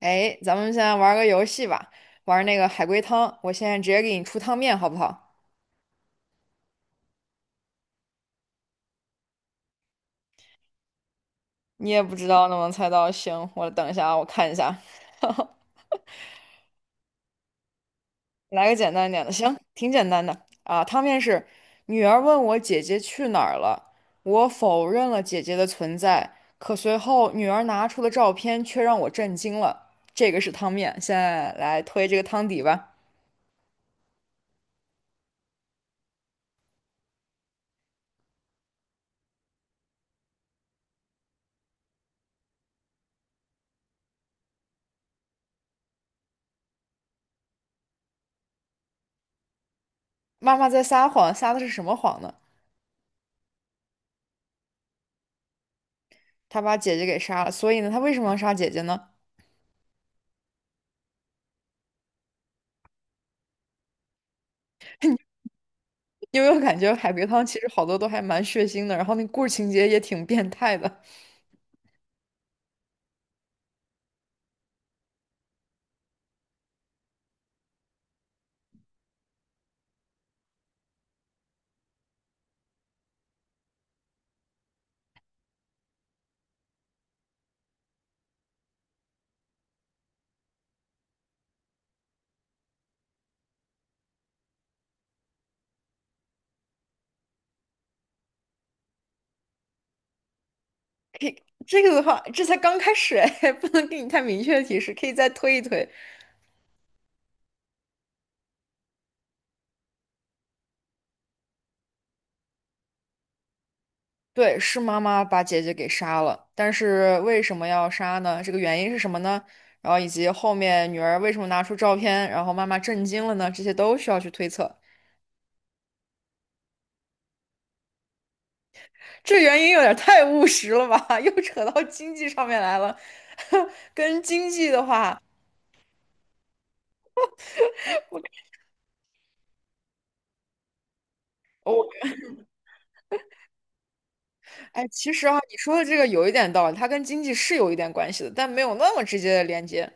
哎，咱们现在玩个游戏吧，玩那个海龟汤。我现在直接给你出汤面，好不好？你也不知道能不能猜到，行，我等一下啊，我看一下，来个简单一点的，行，挺简单的啊。汤面是：女儿问我姐姐去哪儿了，我否认了姐姐的存在，可随后女儿拿出的照片却让我震惊了。这个是汤面，现在来推这个汤底吧。妈妈在撒谎，撒的是什么谎呢？她把姐姐给杀了，所以呢，她为什么要杀姐姐呢？因为我感觉海龟汤其实好多都还蛮血腥的，然后那故事情节也挺变态的。可以，这个的话，这才刚开始哎，不能给你太明确的提示，可以再推一推。对，是妈妈把姐姐给杀了，但是为什么要杀呢？这个原因是什么呢？然后以及后面女儿为什么拿出照片，然后妈妈震惊了呢？这些都需要去推测。这原因有点太务实了吧？又扯到经济上面来了，跟经济的话。我哎，其实啊，你说的这个有一点道理，它跟经济是有一点关系的，但没有那么直接的连接。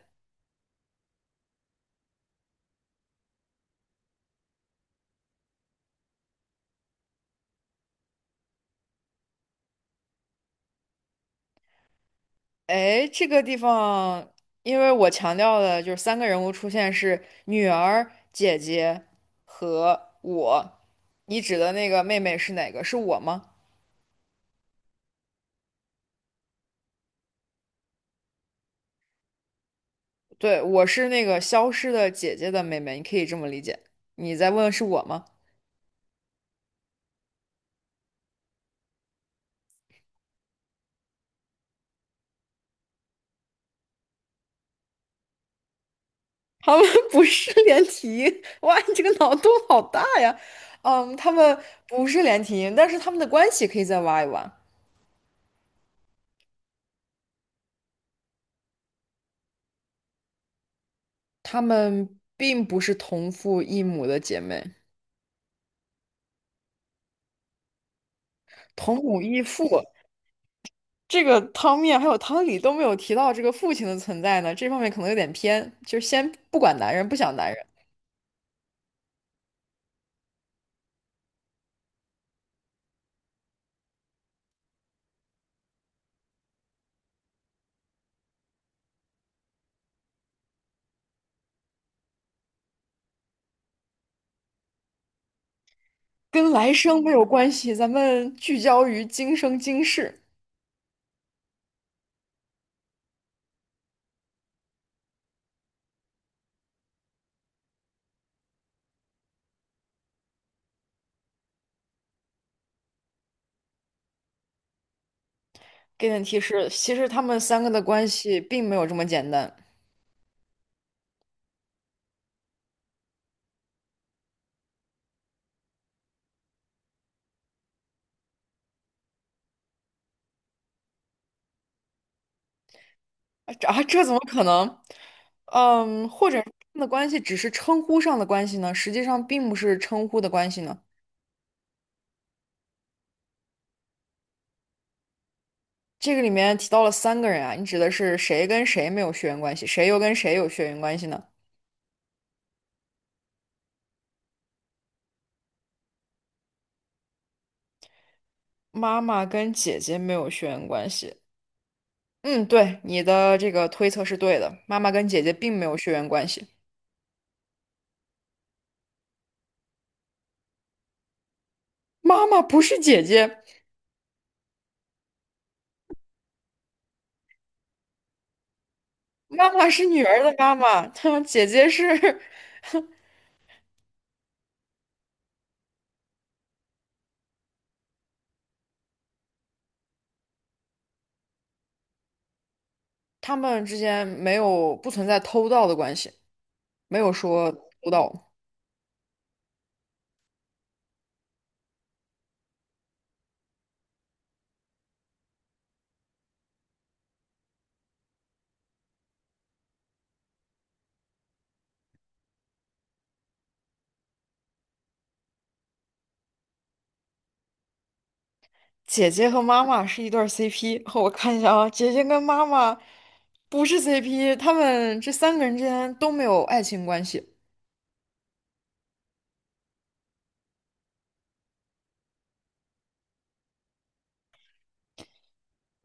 哎，这个地方，因为我强调的就是三个人物出现是女儿、姐姐和我。你指的那个妹妹是哪个？是我吗？对，我是那个消失的姐姐的妹妹，你可以这么理解。你再问是我吗？他们 不是连体婴，哇，你这个脑洞好大呀！嗯，他们不是连体婴，但是他们的关系可以再挖一挖。她们并不是同父异母的姐妹，同母异父。这个汤面还有汤里都没有提到这个父亲的存在呢，这方面可能有点偏。就是先不管男人，不想男人，跟来生没有关系，咱们聚焦于今生今世。给点提示，其实他们三个的关系并没有这么简单啊！这啊这怎么可能？嗯，或者他们的关系只是称呼上的关系呢？实际上并不是称呼的关系呢。这个里面提到了三个人啊，你指的是谁跟谁没有血缘关系，谁又跟谁有血缘关系呢？妈妈跟姐姐没有血缘关系。嗯，对，你的这个推测是对的，妈妈跟姐姐并没有血缘关系。妈妈不是姐姐，妈妈是女儿的妈妈，她姐姐是，他们之间没有不存在偷盗的关系，没有说偷盗。姐姐和妈妈是一对儿 CP，我看一下啊，姐姐跟妈妈不是 CP，他们这三个人之间都没有爱情关系。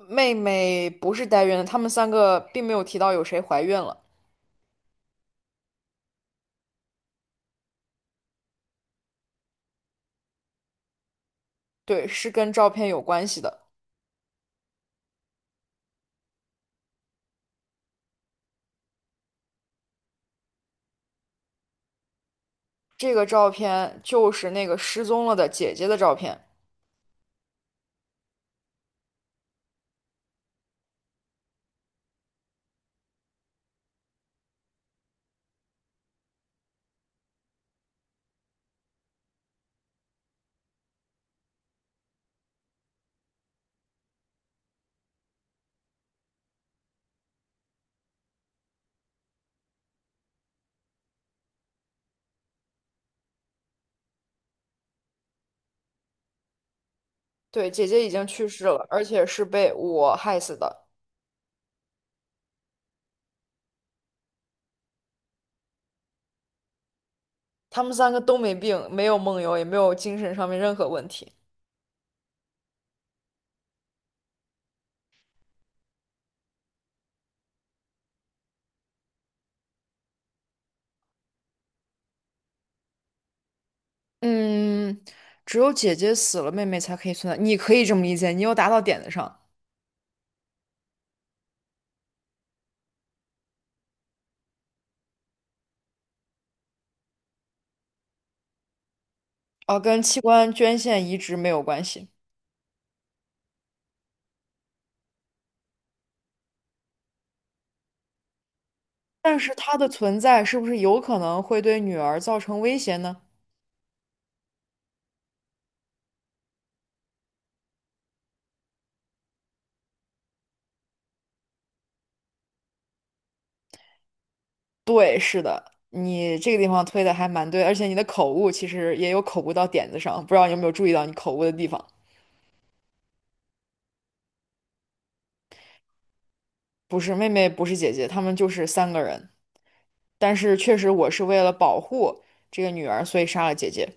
妹妹不是代孕的，他们三个并没有提到有谁怀孕了。对，是跟照片有关系的。这个照片就是那个失踪了的姐姐的照片。对，姐姐已经去世了，而且是被我害死的。他们三个都没病，没有梦游，也没有精神上面任何问题。嗯，只有姐姐死了，妹妹才可以存在。你可以这么理解，你又答到点子上。啊，跟器官捐献移植没有关系，但是它的存在是不是有可能会对女儿造成威胁呢？对，是的，你这个地方推的还蛮对，而且你的口误其实也有口误到点子上，不知道你有没有注意到你口误的地方？不是妹妹，不是姐姐，她们就是三个人。但是确实，我是为了保护这个女儿，所以杀了姐姐。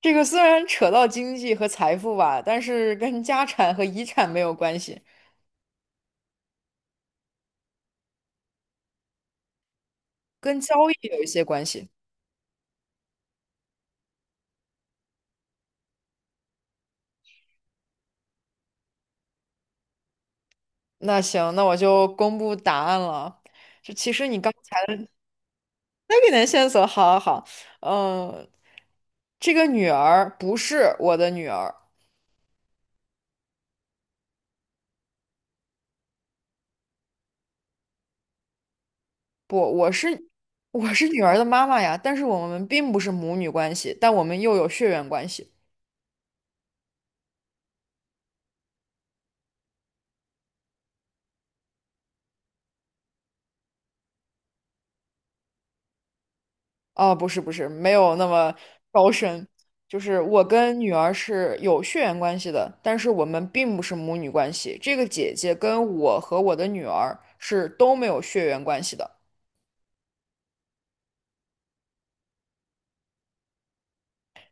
这个虽然扯到经济和财富吧，但是跟家产和遗产没有关系，跟交易有一些关系。那行，那我就公布答案了。就其实你刚才的那给点线索，好好好，嗯，这个女儿不是我的女儿，不，我是我是女儿的妈妈呀，但是我们并不是母女关系，但我们又有血缘关系。啊，不是，没有那么高深。就是我跟女儿是有血缘关系的，但是我们并不是母女关系。这个姐姐跟我和我的女儿是都没有血缘关系的。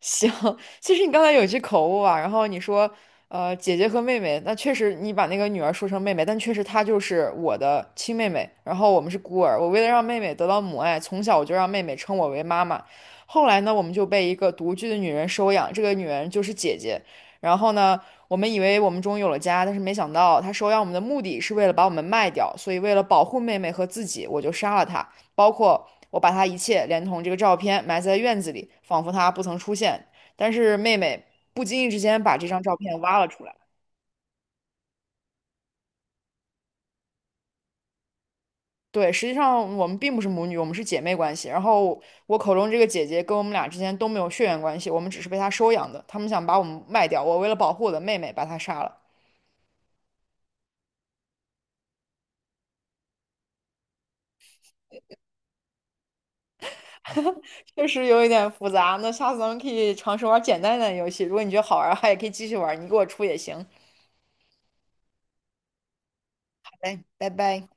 行，其实你刚才有一句口误啊，然后你说，姐姐和妹妹，那确实你把那个女儿说成妹妹，但确实她就是我的亲妹妹，然后我们是孤儿。我为了让妹妹得到母爱，从小我就让妹妹称我为妈妈。后来呢，我们就被一个独居的女人收养，这个女人就是姐姐。然后呢，我们以为我们终于有了家，但是没想到她收养我们的目的是为了把我们卖掉，所以为了保护妹妹和自己，我就杀了她。包括我把他一切连同这个照片埋在院子里，仿佛他不曾出现。但是妹妹不经意之间把这张照片挖了出来。对，实际上我们并不是母女，我们是姐妹关系。然后我口中这个姐姐跟我们俩之间都没有血缘关系，我们只是被她收养的。他们想把我们卖掉，我为了保护我的妹妹，把她杀了。确实有一点复杂，那下次咱们可以尝试玩简单一点的游戏。如果你觉得好玩儿的话，也可以继续玩儿你给我出也行。好嘞，拜拜。